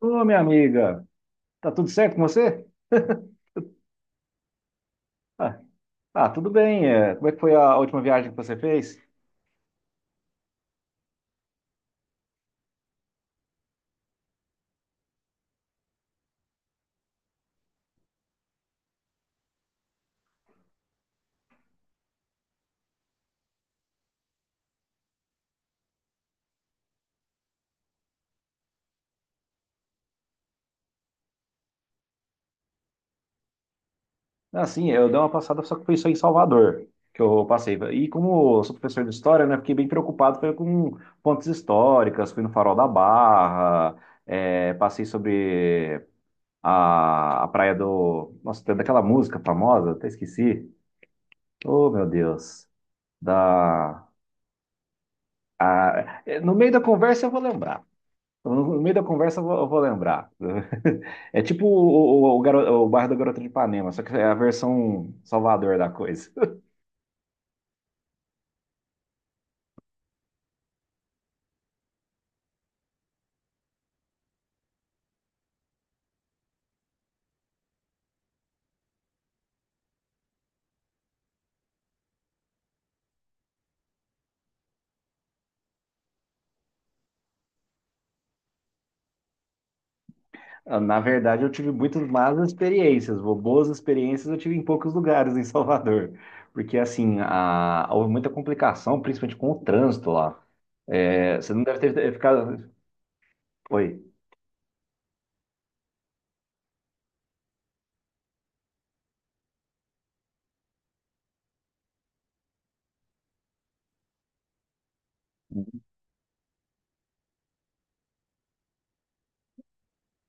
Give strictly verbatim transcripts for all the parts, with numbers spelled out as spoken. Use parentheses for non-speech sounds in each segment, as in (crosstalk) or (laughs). Ô, minha amiga, tá tudo certo com você? Ah, ah, tudo bem. é, Como é que foi a última viagem que você fez? Ah, sim, eu dei uma passada, só que foi só em Salvador que eu passei. E como eu sou professor de história, né, fiquei bem preocupado foi com pontes históricas, fui no Farol da Barra, é, passei sobre a, a praia do... Nossa, tem daquela música famosa, até esqueci. Oh, meu Deus. Da... a- é, No meio da conversa eu vou lembrar. No meio da conversa eu vou, eu vou lembrar. (laughs) É tipo o, o, o, garo- o bairro da Garota de Ipanema, só que é a versão Salvador da coisa. (laughs) Na verdade, eu tive muitas más experiências, bo- boas experiências eu tive em poucos lugares em Salvador. Porque, assim, a, houve muita complicação, principalmente com o trânsito lá. É, você não deve ter ficado. Oi.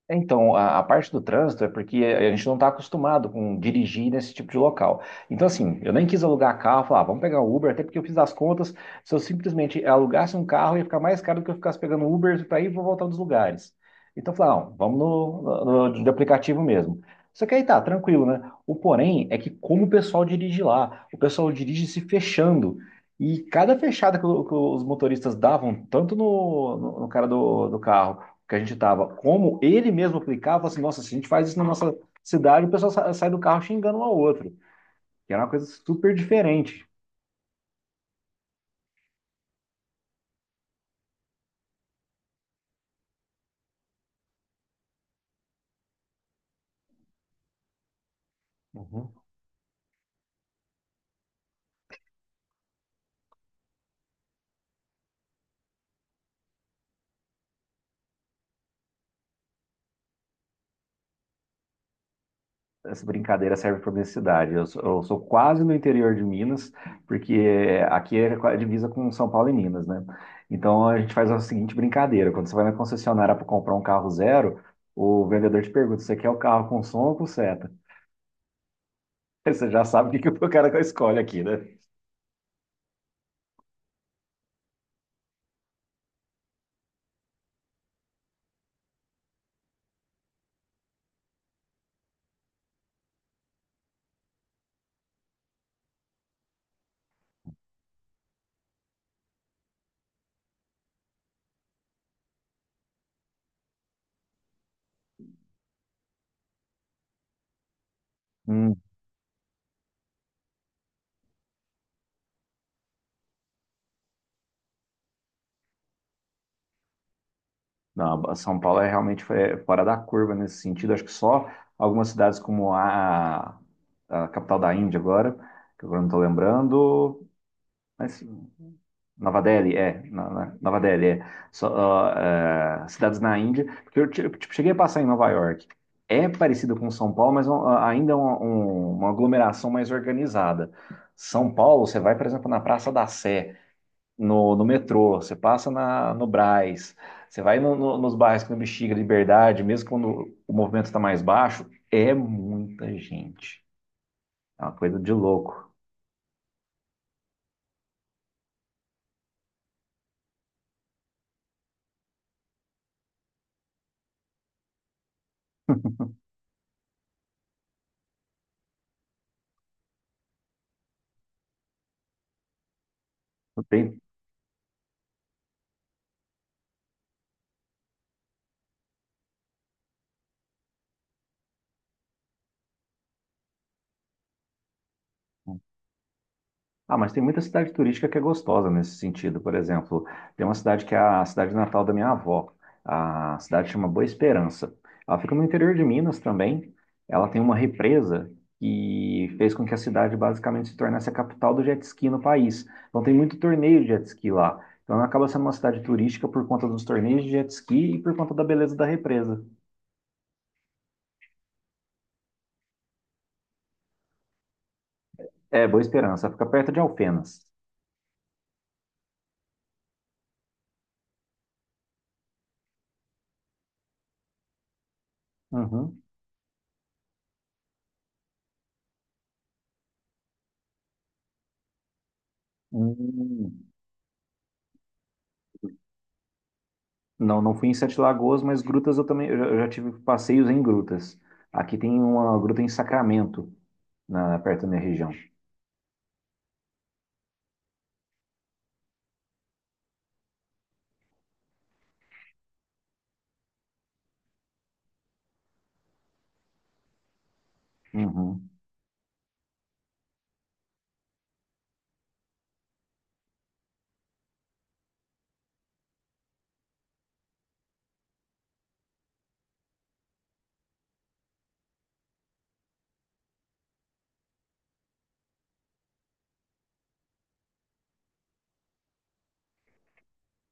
É, Então, a, a parte do trânsito é porque a gente não está acostumado com dirigir nesse tipo de local. Então, assim, eu nem quis alugar carro, falar, "Ah, vamos pegar um Uber, até porque eu fiz as contas. Se eu simplesmente alugasse um carro, ia ficar mais caro do que eu ficasse pegando um Uber para ir e voltar dos lugares. Então, eu falei, "Ah, não, vamos no, no- no- de aplicativo mesmo. Só que aí tá, tranquilo, né? O porém é que como o pessoal dirige lá, o pessoal dirige se fechando. E cada fechada que, o- que os motoristas davam, tanto no, no, no cara do do carro que a gente estava, como ele mesmo aplicava, assim, nossa, se a gente faz isso na nossa cidade, o pessoal sa- sai do carro xingando um ao outro, que era uma coisa super diferente. Uhum. Essa brincadeira serve para minha cidade. Eu sou, eu sou quase no interior de Minas, porque aqui é a divisa com São Paulo e Minas, né? Então a gente faz a seguinte brincadeira: quando você vai na concessionária para comprar um carro zero, o vendedor te pergunta: você quer o carro com som ou com seta? (laughs) Aí você já sabe o que que o cara (laughs) escolhe aqui, né? Não, a São Paulo é realmente foi fora da curva nesse sentido. Acho que só algumas cidades como a, a capital da Índia agora, que agora não estou lembrando, mas Nova Delhi, é, na- na- Nova Delhi, é. Só, ah, eh, cidades na Índia, porque eu ti- tipo, cheguei a passar em Nova York. É parecido com São Paulo, mas é um- ah, ainda é um- um- uma aglomeração mais organizada. São Paulo, você vai, por exemplo, na Praça da Sé, no, no metrô, você passa na, no Brás, você vai no- no- nos bairros que no Bexiga, Liberdade, mesmo quando o movimento está mais baixo, é muita gente. É uma coisa de louco. Não tem. Ah, mas tem muita cidade turística que é gostosa nesse sentido. Por exemplo, tem uma cidade que é a cidade natal da minha avó. A cidade chama Boa Esperança. Ela fica no interior de Minas também. Ela tem uma represa que fez com que a cidade basicamente se tornasse a capital do jet ski no país. Então tem muito torneio de jet ski lá. Então ela acaba sendo uma cidade turística por conta dos torneios de jet ski e por conta da beleza da represa. É, Boa Esperança. Ela fica perto de Alfenas. Uhum. Hum. Não, não fui em Sete Lagoas, mas grutas eu também eu já, eu já tive passeios em grutas. Aqui tem uma gruta em Sacramento, na, perto da minha região. Uhum.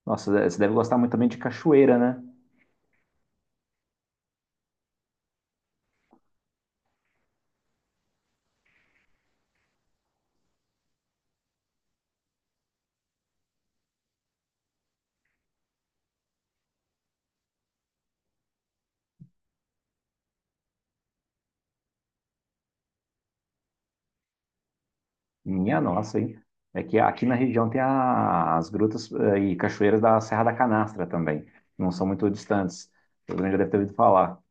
Nossa, você deve gostar muito também de cachoeira, né? Minha nossa, hein? É que aqui na região tem a- as grutas eh, e cachoeiras da Serra da Canastra também. Não são muito distantes. Todo mundo já deve ter ouvido falar.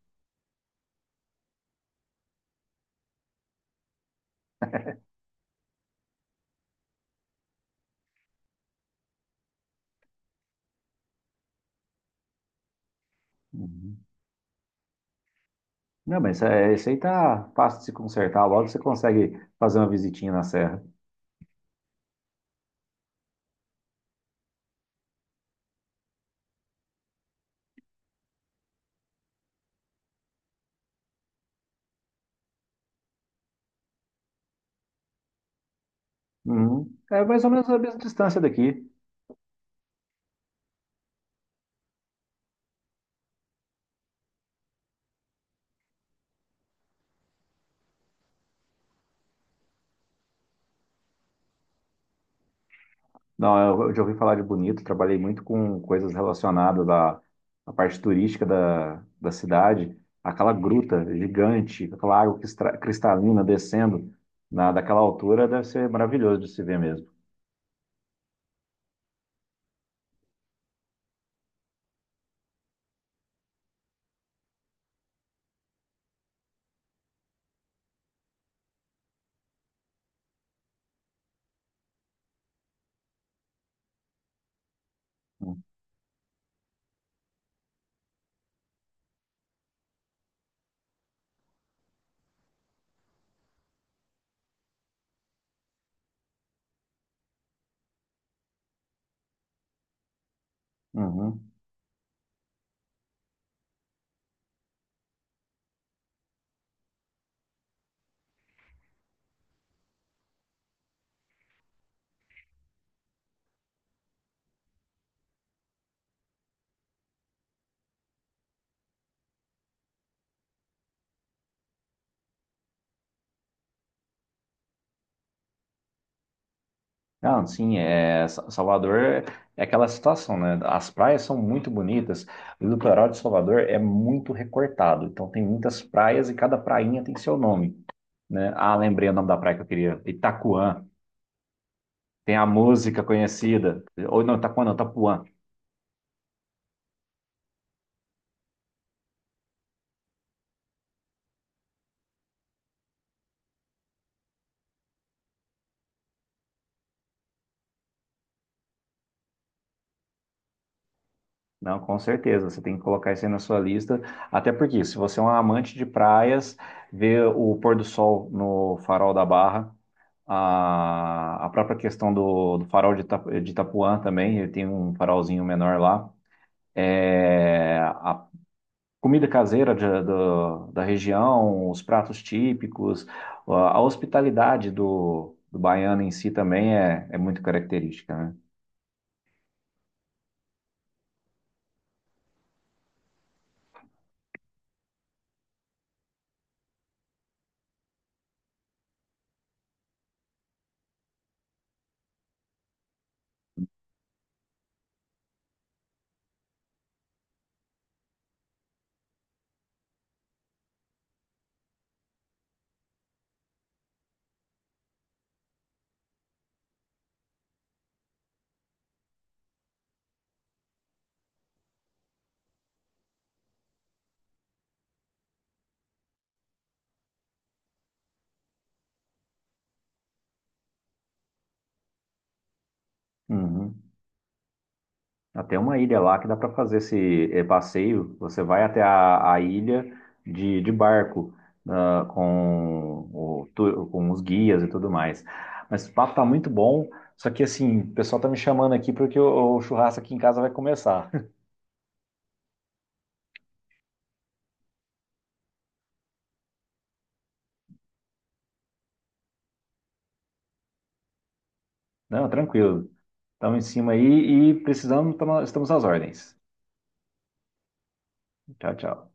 Uhum. Não, mas isso, é- isso aí tá fácil de se consertar. Logo você consegue fazer uma visitinha na serra. Uhum. É mais ou menos a mesma distância daqui. Não, eu eu já ouvi falar de Bonito, trabalhei muito com coisas relacionadas à, à parte turística da, da cidade, aquela gruta gigante, aquela água que estra- cristalina descendo na, daquela altura deve ser maravilhoso de se ver mesmo. Uhum. Não, sim, é, Sa- Salvador é é aquela situação, né? As praias são muito bonitas, o litoral de Salvador é muito recortado, então tem muitas praias e cada prainha tem seu nome, né? Ah, lembrei o nome da praia que eu queria, Itacoan. Tem a música conhecida. Ou não, Itapuã não, Itapuã. Não, com certeza. Você tem que colocar isso aí na sua lista. Até porque, se você é um amante de praias, ver o pôr do sol no farol da Barra, a, a própria questão do, do farol de, Ita- de Itapuã também, ele tem um farolzinho menor lá. É, a comida caseira de- do- da região, os pratos típicos, a, a hospitalidade do, do baiano em si também é, é muito característica, né? Uhum. Até uma ilha lá que dá para fazer esse eh, passeio. Você vai até a, a ilha de, de barco, ah, com, o tu- com os guias e tudo mais. Mas o papo tá muito bom. Só que assim, o pessoal tá me chamando aqui porque o, o churrasco aqui em casa vai começar. (laughs) Não, tranquilo. Estamos em cima aí e precisamos, tamo- estamos às ordens. Tchau, tchau.